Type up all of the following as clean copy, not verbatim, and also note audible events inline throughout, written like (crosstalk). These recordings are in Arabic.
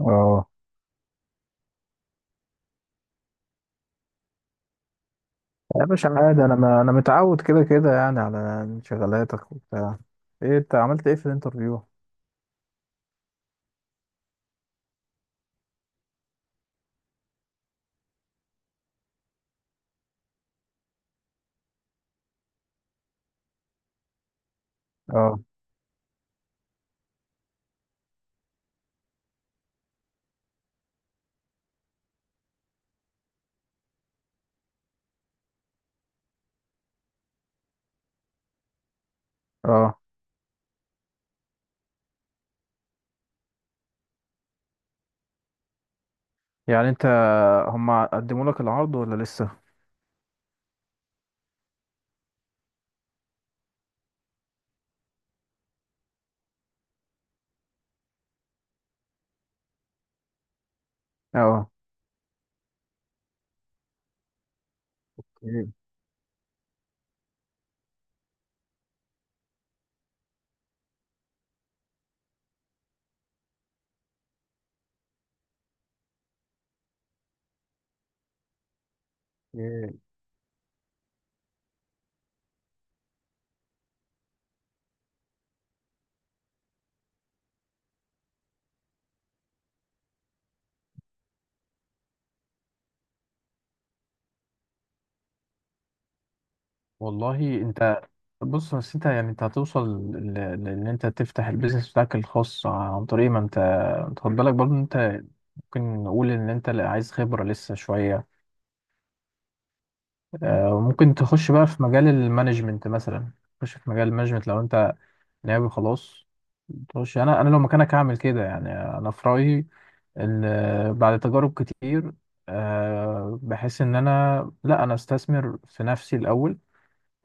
اه، يا باشا عادي، انا ما انا متعود كده كده يعني على شغلاتك وبتاع. ايه انت عملت ايه في الانترفيو؟ اه اه. يعني انت، هم قدموا لك العرض ولا لسه؟ اه. إيه. إيه. والله. انت، بص بس انت يعني، انت هتوصل لان انت تفتح البيزنس بتاعك الخاص عن طريق ما انت... انت خد بالك برضه إن انت ممكن نقول ان انت لا، عايز خبرة لسه شوية. ممكن تخش بقى في مجال المانجمنت مثلا. تخش في مجال المانجمنت لو انت ناوي، خلاص. مش، انا لو مكانك هعمل كده يعني. انا في رايي ان بعد تجارب كتير، بحس ان انا لا، انا استثمر في نفسي الاول.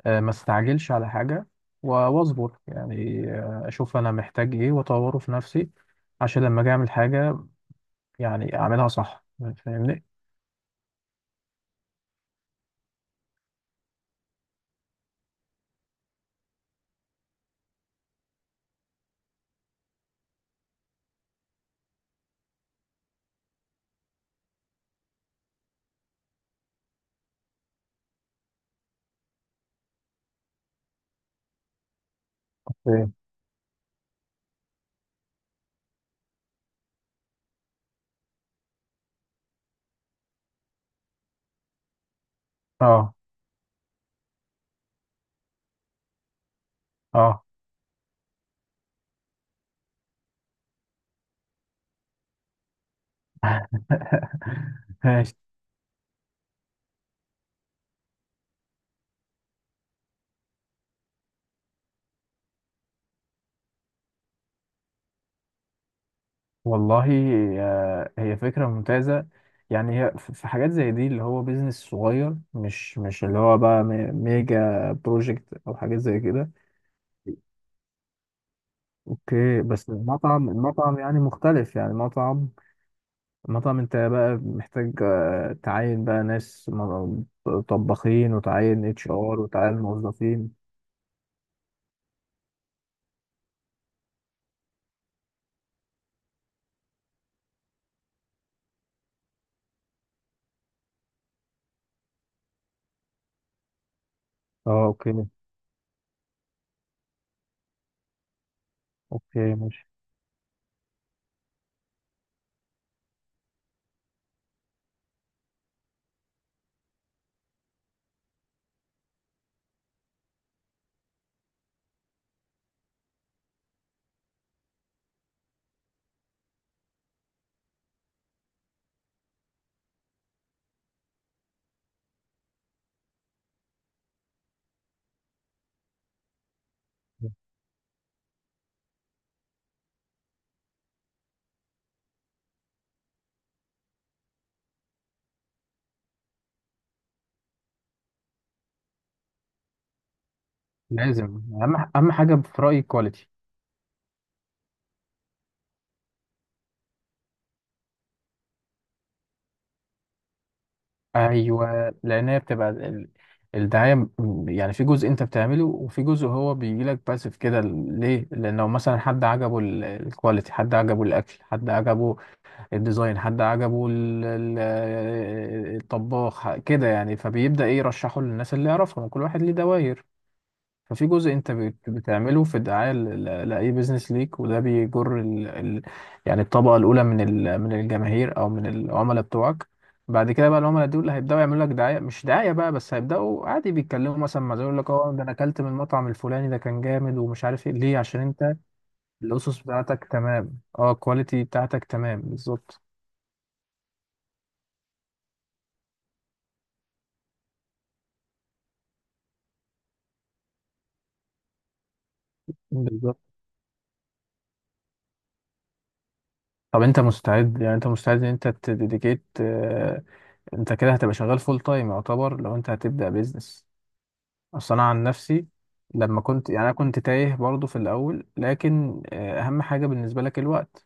ما استعجلش على حاجه واصبر يعني، اشوف انا محتاج ايه واطوره في نفسي، عشان لما اجي اعمل حاجه يعني اعملها صح، فاهمني؟ إيه. اه اه. (laughs) ماشي. والله، هي فكرة ممتازة. يعني هي في حاجات زي دي، اللي هو بيزنس صغير، مش اللي هو بقى ميجا بروجكت أو حاجات زي كده. اوكي. بس المطعم يعني مختلف، يعني مطعم. مطعم انت بقى محتاج تعين بقى ناس، طباخين، وتعين اتش ار، وتعين موظفين. اه. اوكي اوكي ماشي. لازم. اهم حاجة في رأيي كواليتي. ايوه. لان هي بتبقى الدعايه. يعني في جزء انت بتعمله، وفي جزء هو بيجي لك باسف كده. ليه؟ لانه مثلا حد عجبه الكواليتي، حد عجبه الاكل، حد عجبه الديزاين، حد عجبه الطباخ كده يعني. فبيبدا ايه؟ يرشحه للناس اللي يعرفهم، وكل واحد ليه دواير. ففي جزء انت بتعمله في الدعايه لاي بيزنس ليك، وده بيجر يعني الطبقه الاولى من من الجماهير او من العملاء بتوعك. بعد كده بقى العملاء دول هيبداوا يعملوا لك دعايه، مش دعايه بقى، بس هيبداوا عادي بيتكلموا مثلا مع زي لك: اه ده انا اكلت من المطعم الفلاني ده كان جامد ومش عارف ايه، ليه؟ عشان انت الاسس بتاعتك تمام، اه، الكواليتي بتاعتك تمام بالظبط. بالظبط. طب انت مستعد؟ يعني انت مستعد ان انت تديديكيت؟ انت كده هتبقى شغال فول تايم يعتبر، لو انت هتبدا بيزنس. اصل انا عن نفسي لما كنت، يعني انا كنت تايه برضو في الاول، لكن اهم حاجه بالنسبه لك الوقت،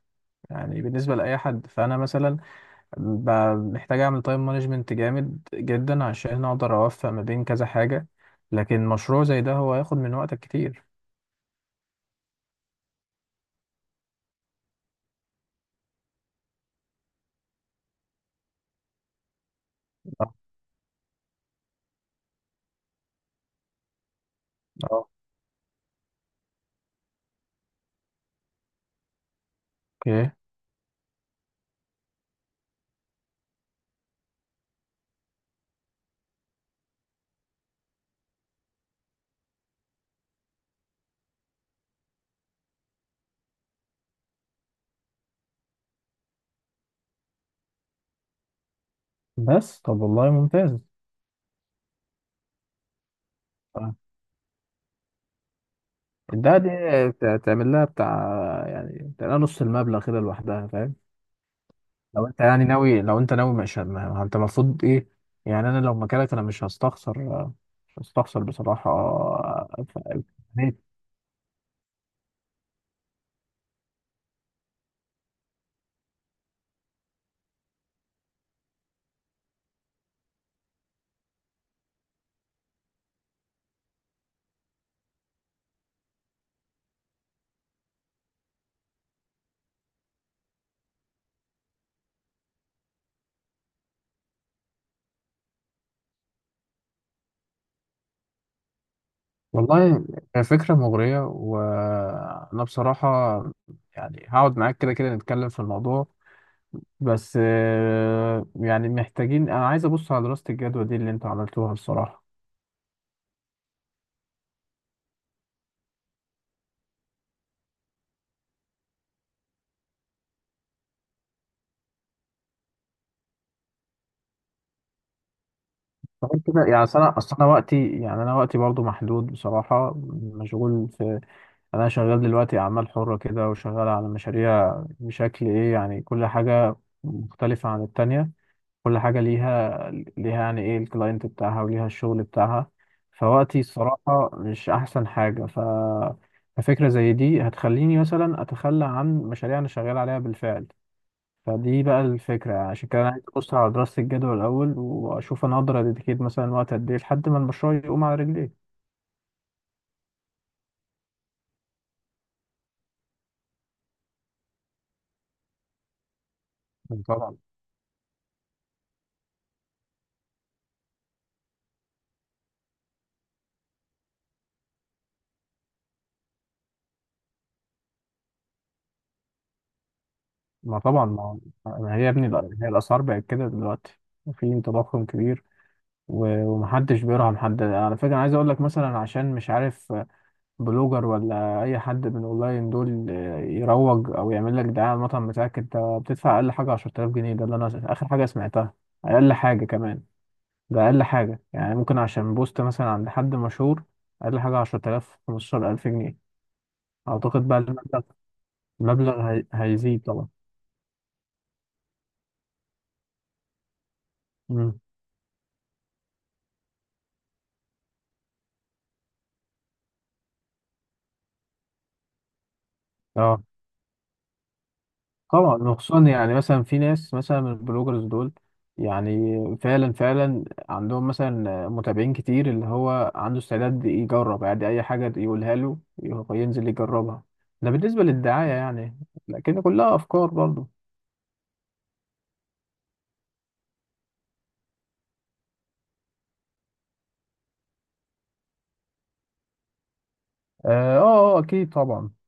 يعني بالنسبه لاي حد. فانا مثلا ب- محتاج اعمل تايم مانجمنت جامد جدا عشان اقدر اوفق ما بين كذا حاجه، لكن مشروع زي ده هو هياخد من وقتك كتير. آه. اه، اوكي. بس طب والله ممتاز. آه. دي تعمل لها بتاع، يعني تعمل لها نص المبلغ كده لوحدها، فاهم؟ لو انت يعني ناوي، لو انت ناوي، مش ما ما انت المفروض ايه. يعني انا لو مكانك انا مش هستخسر، مش هستخسر بصراحة. ف- والله هي فكرة مغرية، وانا بصراحة، يعني هقعد معاك كده كده نتكلم في الموضوع. بس يعني محتاجين، انا عايز ابص على دراسة الجدوى دي اللي انتوا عملتوها، بصراحة. فغير كده يعني، أصل انا اصل انا وقتي، يعني وقتي برضو محدود بصراحة، مشغول. انا شغال دلوقتي اعمال حرة كده، وشغال على مشاريع بشكل ايه يعني، كل حاجة مختلفة عن التانية. كل حاجة ليها، يعني ايه، الكلاينت بتاعها وليها الشغل بتاعها. فوقتي الصراحة مش احسن حاجة. ففكرة زي دي هتخليني مثلا اتخلى عن مشاريع انا شغال عليها بالفعل. فدي بقى الفكرة، يعني عشان كده انا عايز ابص على دراسة الجدوى الاول، واشوف انا اقدر اديكيت مثلا وقت قد ايه لحد ما المشروع يقوم على رجليه. طبعا. ما طبعا ما ما هي يا ابني، هي الأسعار بقت كده دلوقتي، وفي تضخم كبير، ومحدش بيرحم حد. على فكرة أنا عايز أقول لك، مثلا عشان مش عارف بلوجر ولا أي حد من أونلاين دول يروج أو يعمل لك دعاية على المطعم بتاعك، أنت بتدفع أقل حاجة 10,000 جنيه، ده اللي أنا آخر حاجة سمعتها. أقل حاجة كمان. ده أقل حاجة يعني ممكن عشان بوست مثلا عند حد مشهور، أقل حاجة 10,000، 15,000 جنيه. أعتقد بقى المبلغ، هيزيد طبعا. مم. اه طبعا. وخصوصا يعني مثلا في ناس مثلا من البلوجرز دول، يعني فعلا فعلا عندهم مثلا متابعين كتير، اللي هو عنده استعداد يجرب يعني اي حاجة يقولها له يروح ينزل يجربها. ده بالنسبة للدعاية يعني، لكن كلها افكار برضو. اه اه. اكيد طبعا.